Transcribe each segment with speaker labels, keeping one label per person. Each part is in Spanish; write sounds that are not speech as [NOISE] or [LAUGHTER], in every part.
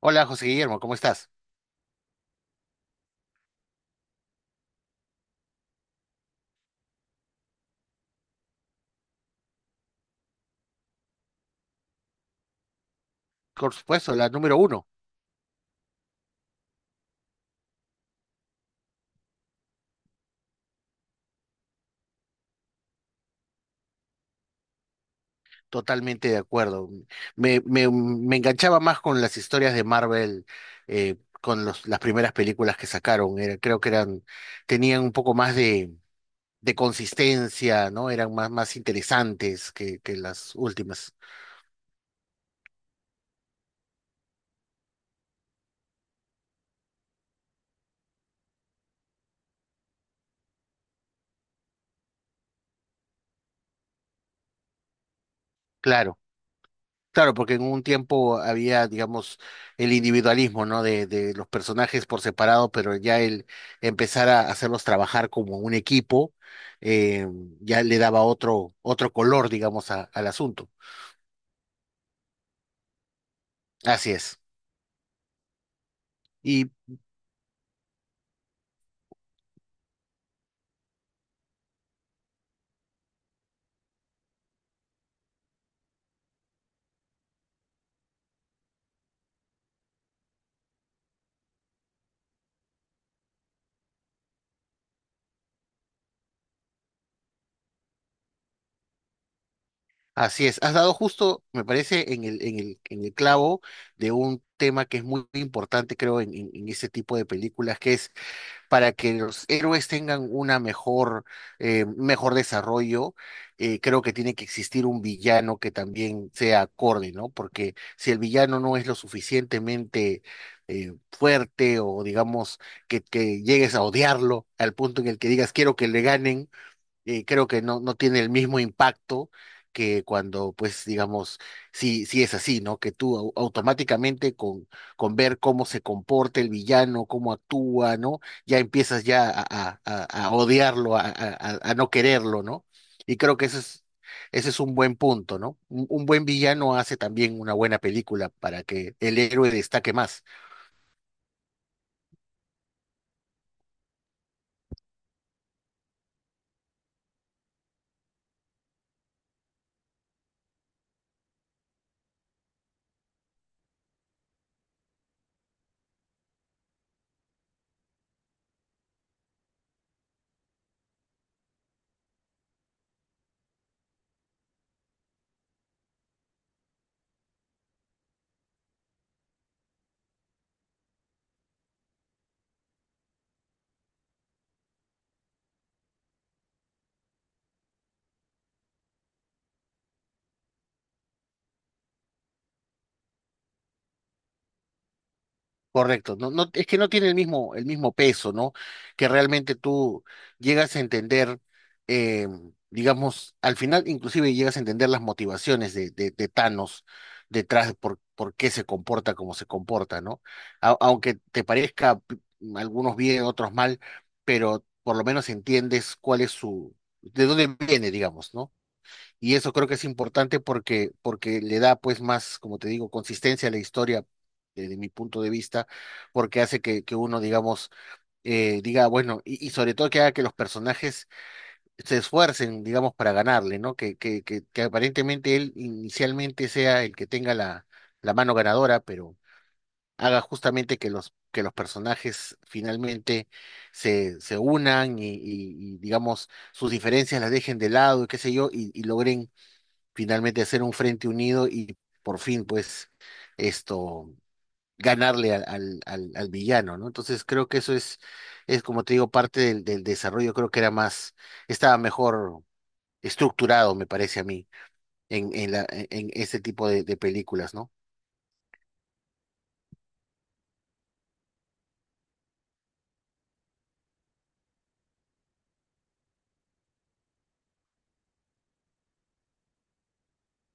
Speaker 1: Hola José Guillermo, ¿cómo estás? Por supuesto, la número uno, totalmente de acuerdo. Me enganchaba más con las historias de Marvel, eh, con las primeras películas que sacaron. Creo que eran, tenían un poco más de consistencia, ¿no? Eran más interesantes que las últimas. Claro. Claro, porque en un tiempo había, digamos, el individualismo, ¿no? De los personajes por separado, pero ya el empezar a hacerlos trabajar como un equipo, eh, ya le daba otro color, digamos, al asunto. Así es. Y así es. Has dado justo, me parece, en en el clavo de un tema que es muy importante, creo, en ese tipo de películas, que es para que los héroes tengan una mejor, mejor desarrollo, creo que tiene que existir un villano que también sea acorde, ¿no? Porque si el villano no es lo suficientemente fuerte o digamos que llegues a odiarlo al punto en el que digas quiero que le ganen, creo que no, no tiene el mismo impacto que cuando, pues, digamos, si es así, ¿no? Que tú automáticamente con ver cómo se comporta el villano, cómo actúa, ¿no? Ya empiezas ya a, a odiarlo, a no quererlo, ¿no? Y creo que eso es, ese es un buen punto, ¿no? Un buen villano hace también una buena película para que el héroe destaque más. Correcto, no, no, es que no tiene el mismo peso, ¿no? Que realmente tú llegas a entender, eh, digamos, al final inclusive llegas a entender las motivaciones de Thanos detrás de por qué se comporta como se comporta, ¿no? Aunque te parezca algunos bien, otros mal, pero por lo menos entiendes cuál es su, de dónde viene, digamos, ¿no? Y eso creo que es importante porque le da pues más, como te digo, consistencia a la historia desde mi punto de vista, porque hace que uno, digamos, diga, bueno, y sobre todo que haga que los personajes se esfuercen, digamos, para ganarle, ¿no? Que aparentemente él inicialmente sea el que tenga la, la mano ganadora, pero haga justamente que que los personajes finalmente se unan y, digamos, sus diferencias las dejen de lado y qué sé yo, y logren finalmente hacer un frente unido y por fin, pues, esto, ganarle al villano, ¿no? Entonces creo que eso es como te digo, parte del, del desarrollo, creo que era más, estaba mejor estructurado, me parece a mí, en, la, en este tipo de películas, ¿no?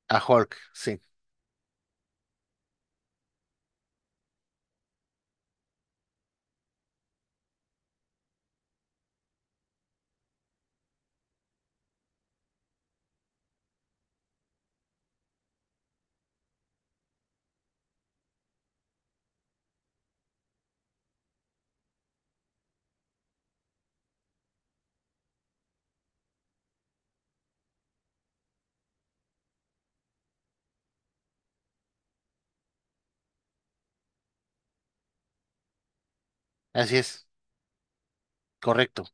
Speaker 1: A Hulk, sí, así es, correcto.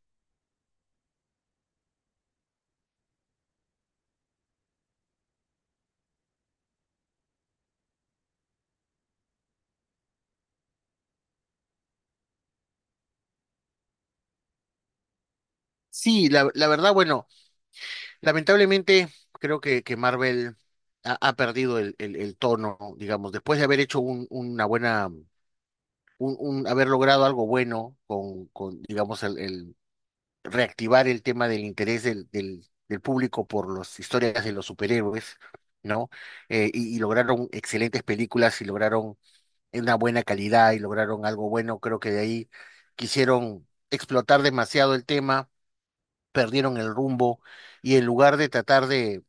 Speaker 1: Sí, la verdad, bueno, lamentablemente creo que Marvel ha perdido el tono, digamos, después de haber hecho un, una buena un- haber logrado algo bueno con digamos, el reactivar el tema del interés del público por las historias de los superhéroes, ¿no? Y lograron excelentes películas y lograron una buena calidad y lograron algo bueno. Creo que de ahí quisieron explotar demasiado el tema perdieron el rumbo y en lugar de tratar de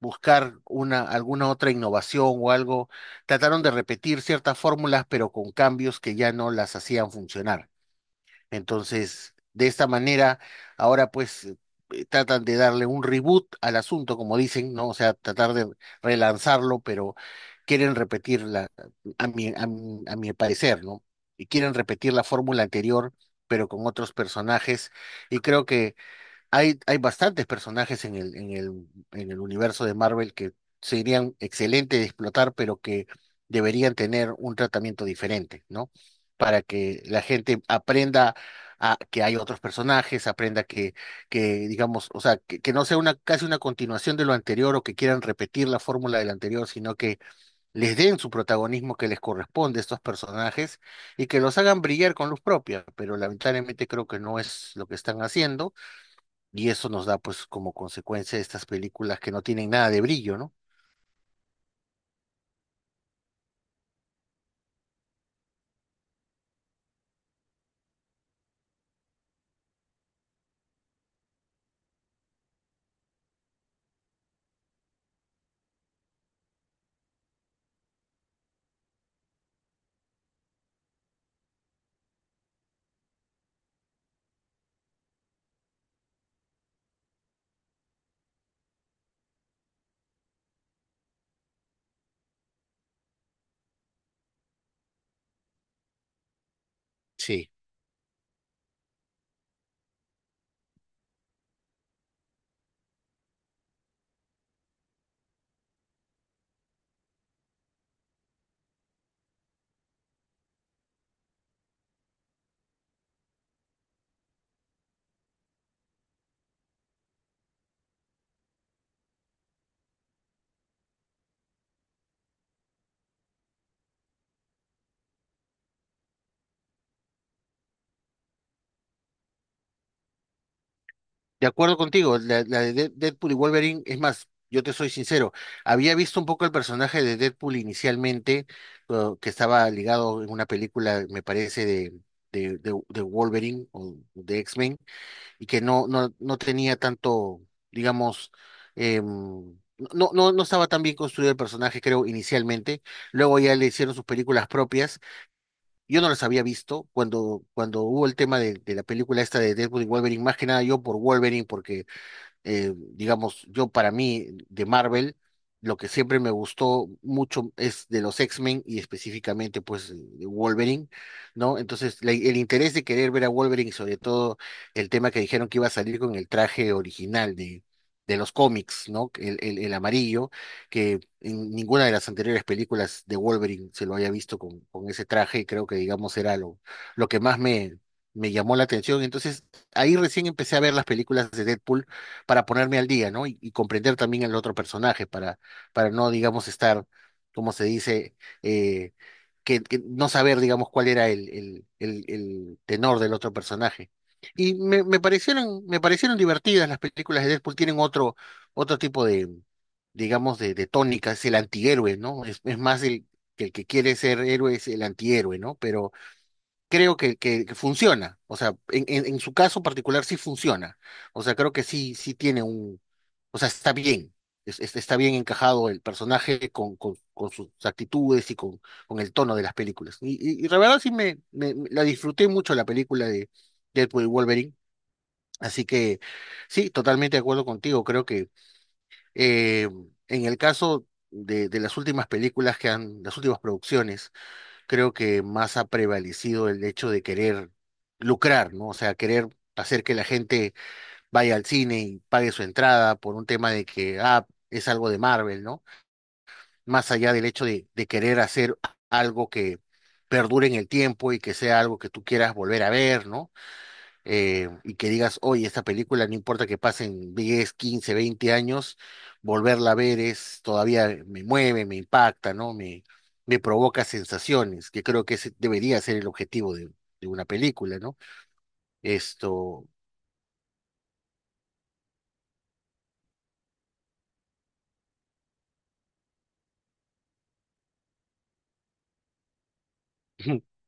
Speaker 1: buscar una, alguna otra innovación o algo, trataron de repetir ciertas fórmulas, pero con cambios que ya no las hacían funcionar. Entonces, de esta manera, ahora pues tratan de darle un reboot al asunto, como dicen, ¿no? O sea, tratar de relanzarlo, pero quieren repetir la, a mi parecer, ¿no? Y quieren repetir la fórmula anterior, pero con otros personajes. Y creo que hay bastantes personajes en en el universo de Marvel que serían excelentes de explotar, pero que deberían tener un tratamiento diferente, ¿no? Para que la gente aprenda a que hay otros personajes, aprenda que digamos, o sea, que no sea una, casi una continuación de lo anterior o que quieran repetir la fórmula del anterior, sino que les den su protagonismo que les corresponde a estos personajes y que los hagan brillar con luz propia, pero lamentablemente creo que no es lo que están haciendo y eso nos da, pues, como consecuencia estas películas que no tienen nada de brillo, ¿no? Sí. De acuerdo contigo, la de Deadpool y Wolverine, es más, yo te soy sincero, había visto un poco el personaje de Deadpool inicialmente, que estaba ligado en una película, me parece, de Wolverine o de X-Men, y que no tenía tanto, digamos, em, no estaba tan bien construido el personaje, creo, inicialmente. Luego ya le hicieron sus películas propias. Yo no los había visto cuando hubo el tema de la película esta de Deadpool y Wolverine, más que nada yo por Wolverine, porque digamos, yo para mí de Marvel, lo que siempre me gustó mucho es de los X-Men y específicamente pues de Wolverine, ¿no? Entonces el interés de querer ver a Wolverine y sobre todo el tema que dijeron que iba a salir con el traje original de los cómics, ¿no? El amarillo, que en ninguna de las anteriores películas de Wolverine se lo haya visto con ese traje y creo que digamos era lo que más me... me llamó la atención, entonces ahí recién empecé a ver las películas de Deadpool para ponerme al día, ¿no? Y comprender también el otro personaje, para no, digamos, estar, como se dice, eh, que no saber, digamos, cuál era el tenor del otro personaje. Y me parecieron divertidas las películas de Deadpool, tienen otro, otro tipo de, digamos, de tónica, es el antihéroe, ¿no? Es más el que quiere ser héroe es el antihéroe, ¿no? Pero creo que funciona. O sea, en su caso particular sí funciona. O sea, creo que sí, sí tiene un, o sea, está bien. Está bien encajado el personaje con sus actitudes y con el tono de las películas. Y la verdad sí la disfruté mucho la película de Deadpool y Wolverine. Así que sí, totalmente de acuerdo contigo. Creo que eh, en el caso de las últimas películas que han, las últimas producciones, creo que más ha prevalecido el hecho de querer lucrar, ¿no? O sea, querer hacer que la gente vaya al cine y pague su entrada por un tema de que, ah, es algo de Marvel, ¿no? Más allá del hecho de querer hacer algo que perdure en el tiempo y que sea algo que tú quieras volver a ver, ¿no? Y que digas, oye, esta película, no importa que pasen 10 15 20 años, volverla a ver es todavía me mueve, me impacta, ¿no? Me provoca sensaciones, que creo que ese debería ser el objetivo de una película, ¿no? Esto, [LAUGHS]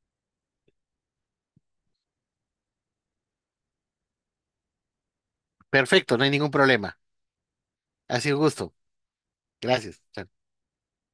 Speaker 1: perfecto, no hay ningún problema. Ha sido un gusto. Gracias. Chao.